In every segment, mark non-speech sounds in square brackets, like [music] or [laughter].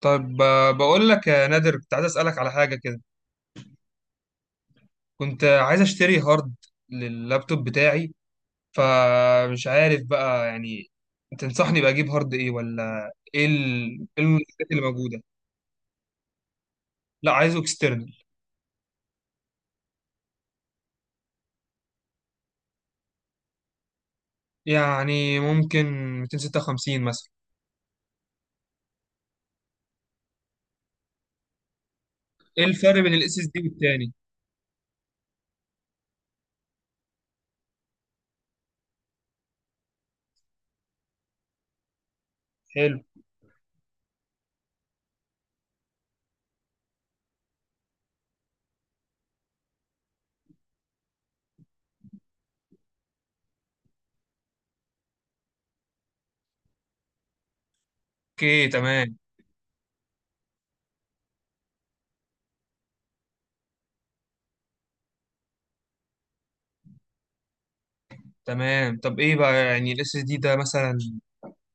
طيب، بقول لك يا نادر كنت عايز اسالك على حاجه كده. كنت عايز اشتري هارد لللابتوب بتاعي، فمش عارف بقى يعني تنصحني بقى اجيب هارد ايه، ولا ايه إيه المنافسات اللي موجوده؟ لا، عايزه اكسترنال. يعني ممكن 256 مثلا. ايه الفرق بين الاس اس دي والتاني؟ حلو. اوكي، تمام. تمام. طب ايه بقى يعني الاس اس دي ده مثلا،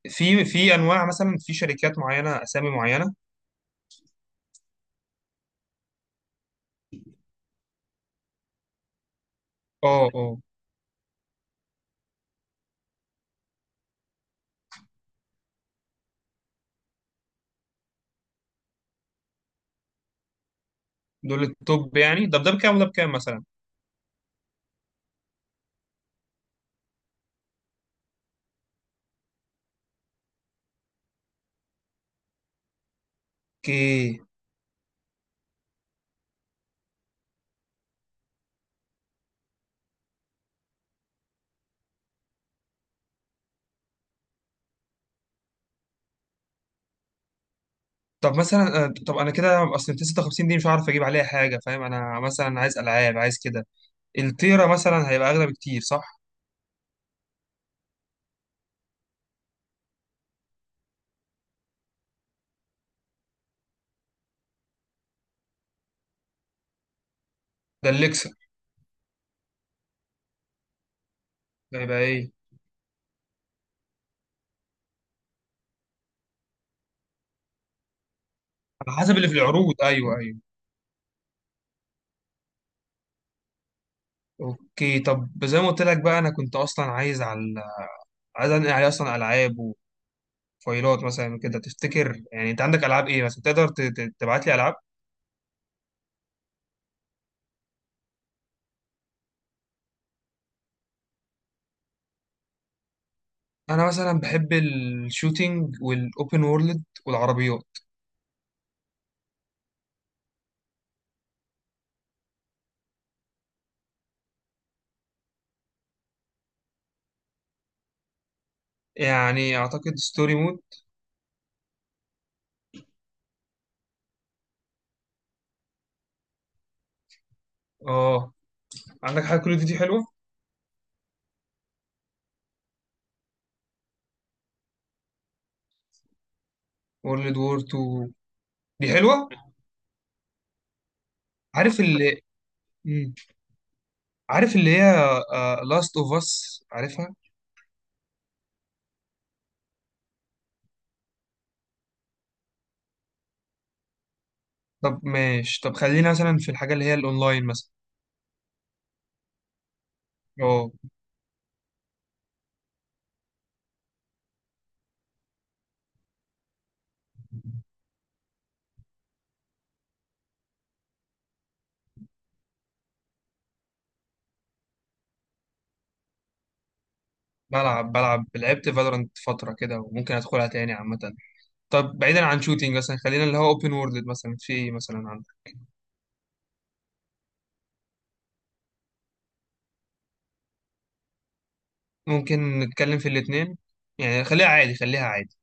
في انواع، مثلا في شركات معينه اسامي معينه؟ اه اه. دول التوب يعني. طب ده بكام وده بكام مثلا؟ اوكي. طب مثلا، طب انا كده اصل 256 دي مش هعرف اجيب عليها حاجه فاهم؟ انا مثلا عايز العاب، عايز كده. التيرا مثلا هيبقى اغلى بكتير صح؟ ده الليكسر؟ هيبقى ايه؟ على حسب اللي في العروض. ايوه ايوه. اوكي. طب زي ما قلت لك بقى، انا كنت اصلا عايز على، عايز انقل عليه اصلا العاب وفايلات مثلا وكده. تفتكر يعني انت عندك العاب ايه مثلا تقدر تبعت لي العاب؟ انا مثلا بحب الشوتينج والاوبن وورلد والعربيات. يعني اعتقد ستوري مود. اه. عندك حاجه؟ كل دي حلوه. وورلد وور 2. دي حلوة. عارف اللي. مم. عارف اللي هي لاست اوف اس، عارفها؟ طب ماشي. طب خلينا مثلا في الحاجة اللي هي الاونلاين مثلا. اه. بلعب بلعب، لعبت فالورانت فترة كده وممكن ادخلها تاني عامة. طب بعيدا عن شوتينج، مثلا خلينا اللي هو اوبن وورلد مثلا في ايه مثلا عندك؟ ممكن نتكلم في الاتنين. يعني خليها عادي خليها عادي.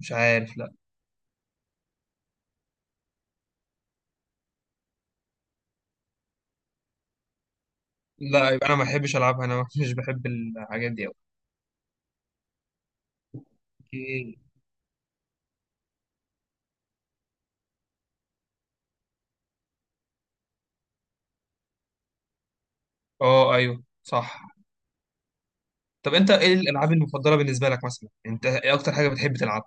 مش عارف، لا. لا، يبقى انا ما بحبش العبها انا [laughs] مش بحب الحاجات دي أوي. اوكي. اه، ايوه صح. طب انت ايه الالعاب المفضله بالنسبه لك مثلا؟ انت ايه اكتر حاجه بتحب تلعب؟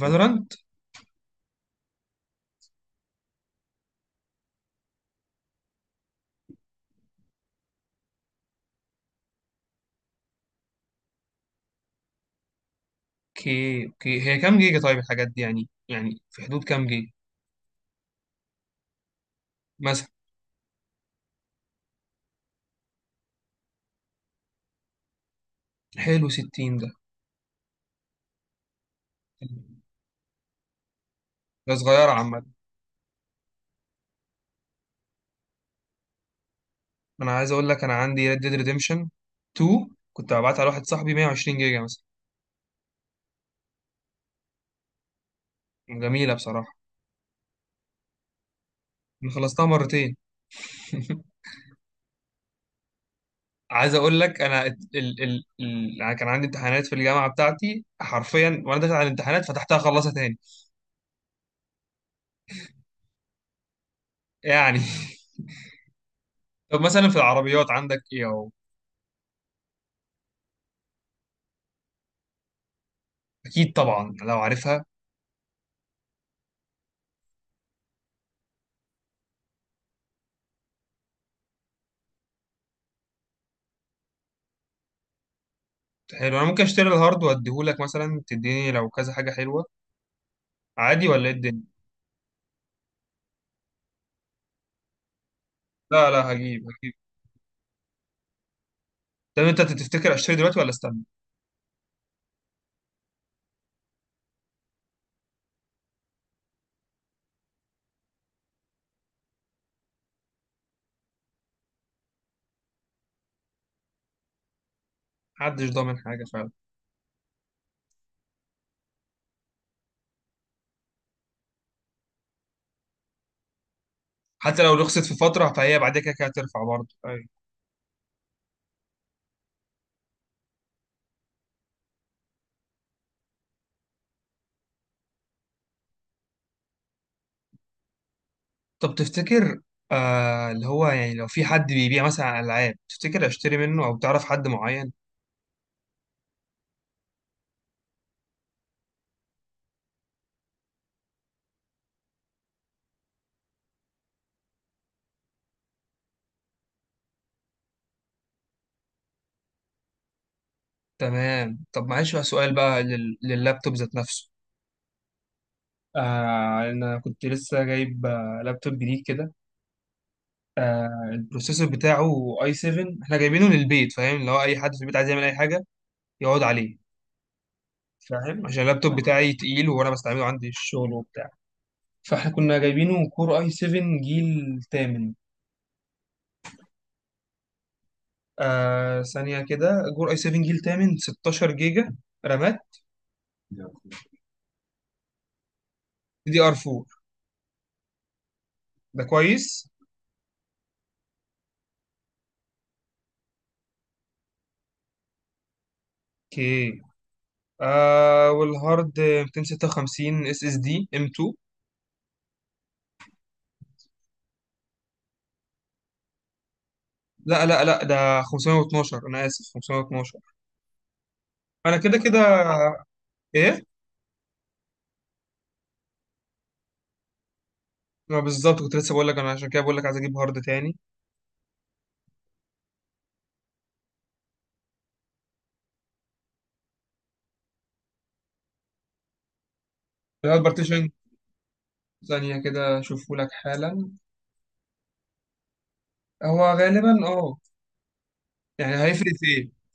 فالورانت. اوكي اوكي. هي كام جيجا طيب الحاجات دي؟ يعني في حدود كام جيجا مثلا؟ حلو. 60 ده؟ ده صغيره عامه. انا عايز اقول لك، انا عندي ريد ديد ريديمشن 2. كنت ببعتها لواحد صاحبي، 120 جيجا مثلا. جميله بصراحه. انا خلصتها مرتين. [laughs] عايز اقول لك انا، ال ال ال انا كان عندي امتحانات في الجامعه بتاعتي حرفيا، وانا داخل على الامتحانات فتحتها خلصها تاني. يعني. [laughs] طب مثلا، في العربيات عندك ايه اهو؟ اكيد طبعا لو عارفها. حلو. انا ممكن اشتري الهارد واديهولك مثلا، تديني لو كذا حاجه حلوه، عادي ولا ايه الدنيا؟ لا لا، هجيب هجيب. طب انت تفتكر اشتري دلوقتي ولا استنى؟ محدش ضامن حاجه فعلا. حتى لو رخصت في فتره، فهي بعد كده كده هترفع برضه. أيوة. طب تفتكر، اللي هو يعني، لو في حد بيبيع مثلا العاب، تفتكر اشتري منه او تعرف حد معين؟ تمام. طب معلش بقى، سؤال بقى لللابتوب ذات نفسه. انا كنت لسه جايب لابتوب جديد كده. البروسيسور بتاعه اي 7. احنا جايبينه للبيت فاهم، لو اي حد في البيت عايز يعمل اي حاجه يقعد عليه. فاهم عشان اللابتوب بتاعي تقيل، وانا بستعمله عندي الشغل وبتاع. فاحنا كنا جايبينه كور اي 7 جيل تامن. ثانيه كده. كور اي 7 جيل تامن، 16 جيجا رامات. دي ار 4. ده كويس. اوكي. والهارد 256 اس اس دي ام 2. لا لا لا، ده 512، انا اسف، 512. انا كده كده. إيه؟ ما بالظبط، كنت لسه بقول لك انا عشان كده بقول لك عايز اجيب هارد تاني. الهارد بارتيشن؟ ثانيه كده اشوفه لك حالا. هو غالبا اه. يعني هيفرق في ايه؟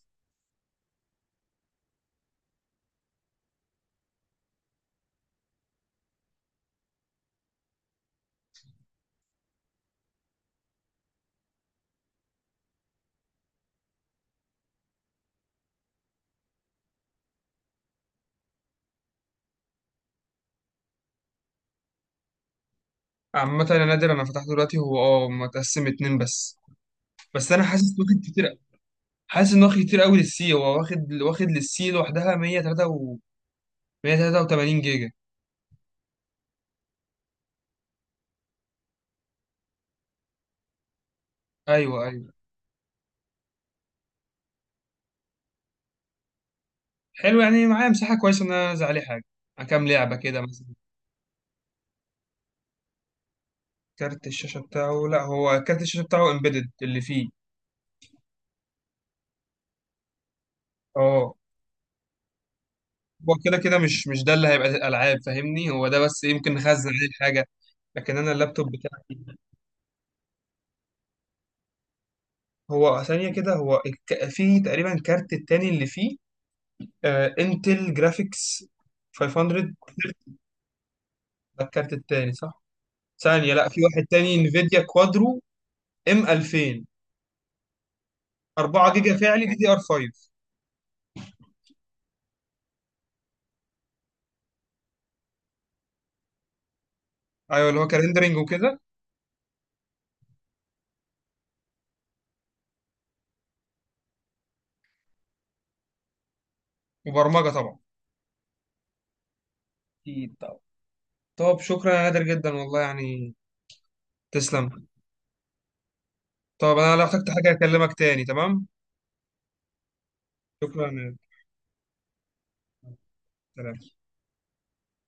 عامه انا نادر، انا فتحته دلوقتي، هو اه متقسم اتنين بس. بس انا حاسس واخد كتير. حاسس ان واخد كتير قوي للسي. هو واخد واخد للسي لوحدها 103 و 183 جيجا. ايوه ايوه. حلو، يعني معايا مساحه كويسه ان انا انزل عليه حاجه، كام لعبه كده مثلا. كارت الشاشه بتاعه، لا هو كارت الشاشه بتاعه امبيدد اللي فيه. اه. هو كده كده مش ده اللي هيبقى الالعاب فاهمني، هو ده بس يمكن نخزن عليه حاجه. لكن انا اللابتوب بتاعي، هو ثانيه كده، هو فيه تقريبا كارت التاني اللي فيه. انتل جرافيكس 500. ده الكارت التاني صح؟ ثانيه، لا في واحد تاني، انفيديا كوادرو ام 2000. 4 جيجا فعلي دي دي ار 5. ايوه، اللي هو كرندرنج وكده. وبرمجه طبعا. اكيد طبعا. طب شكرا يا نادر جدا والله، يعني. تسلم. طب انا لو احتجت حاجه اكلمك تاني، تمام؟ شكرا يا نادر. سلام.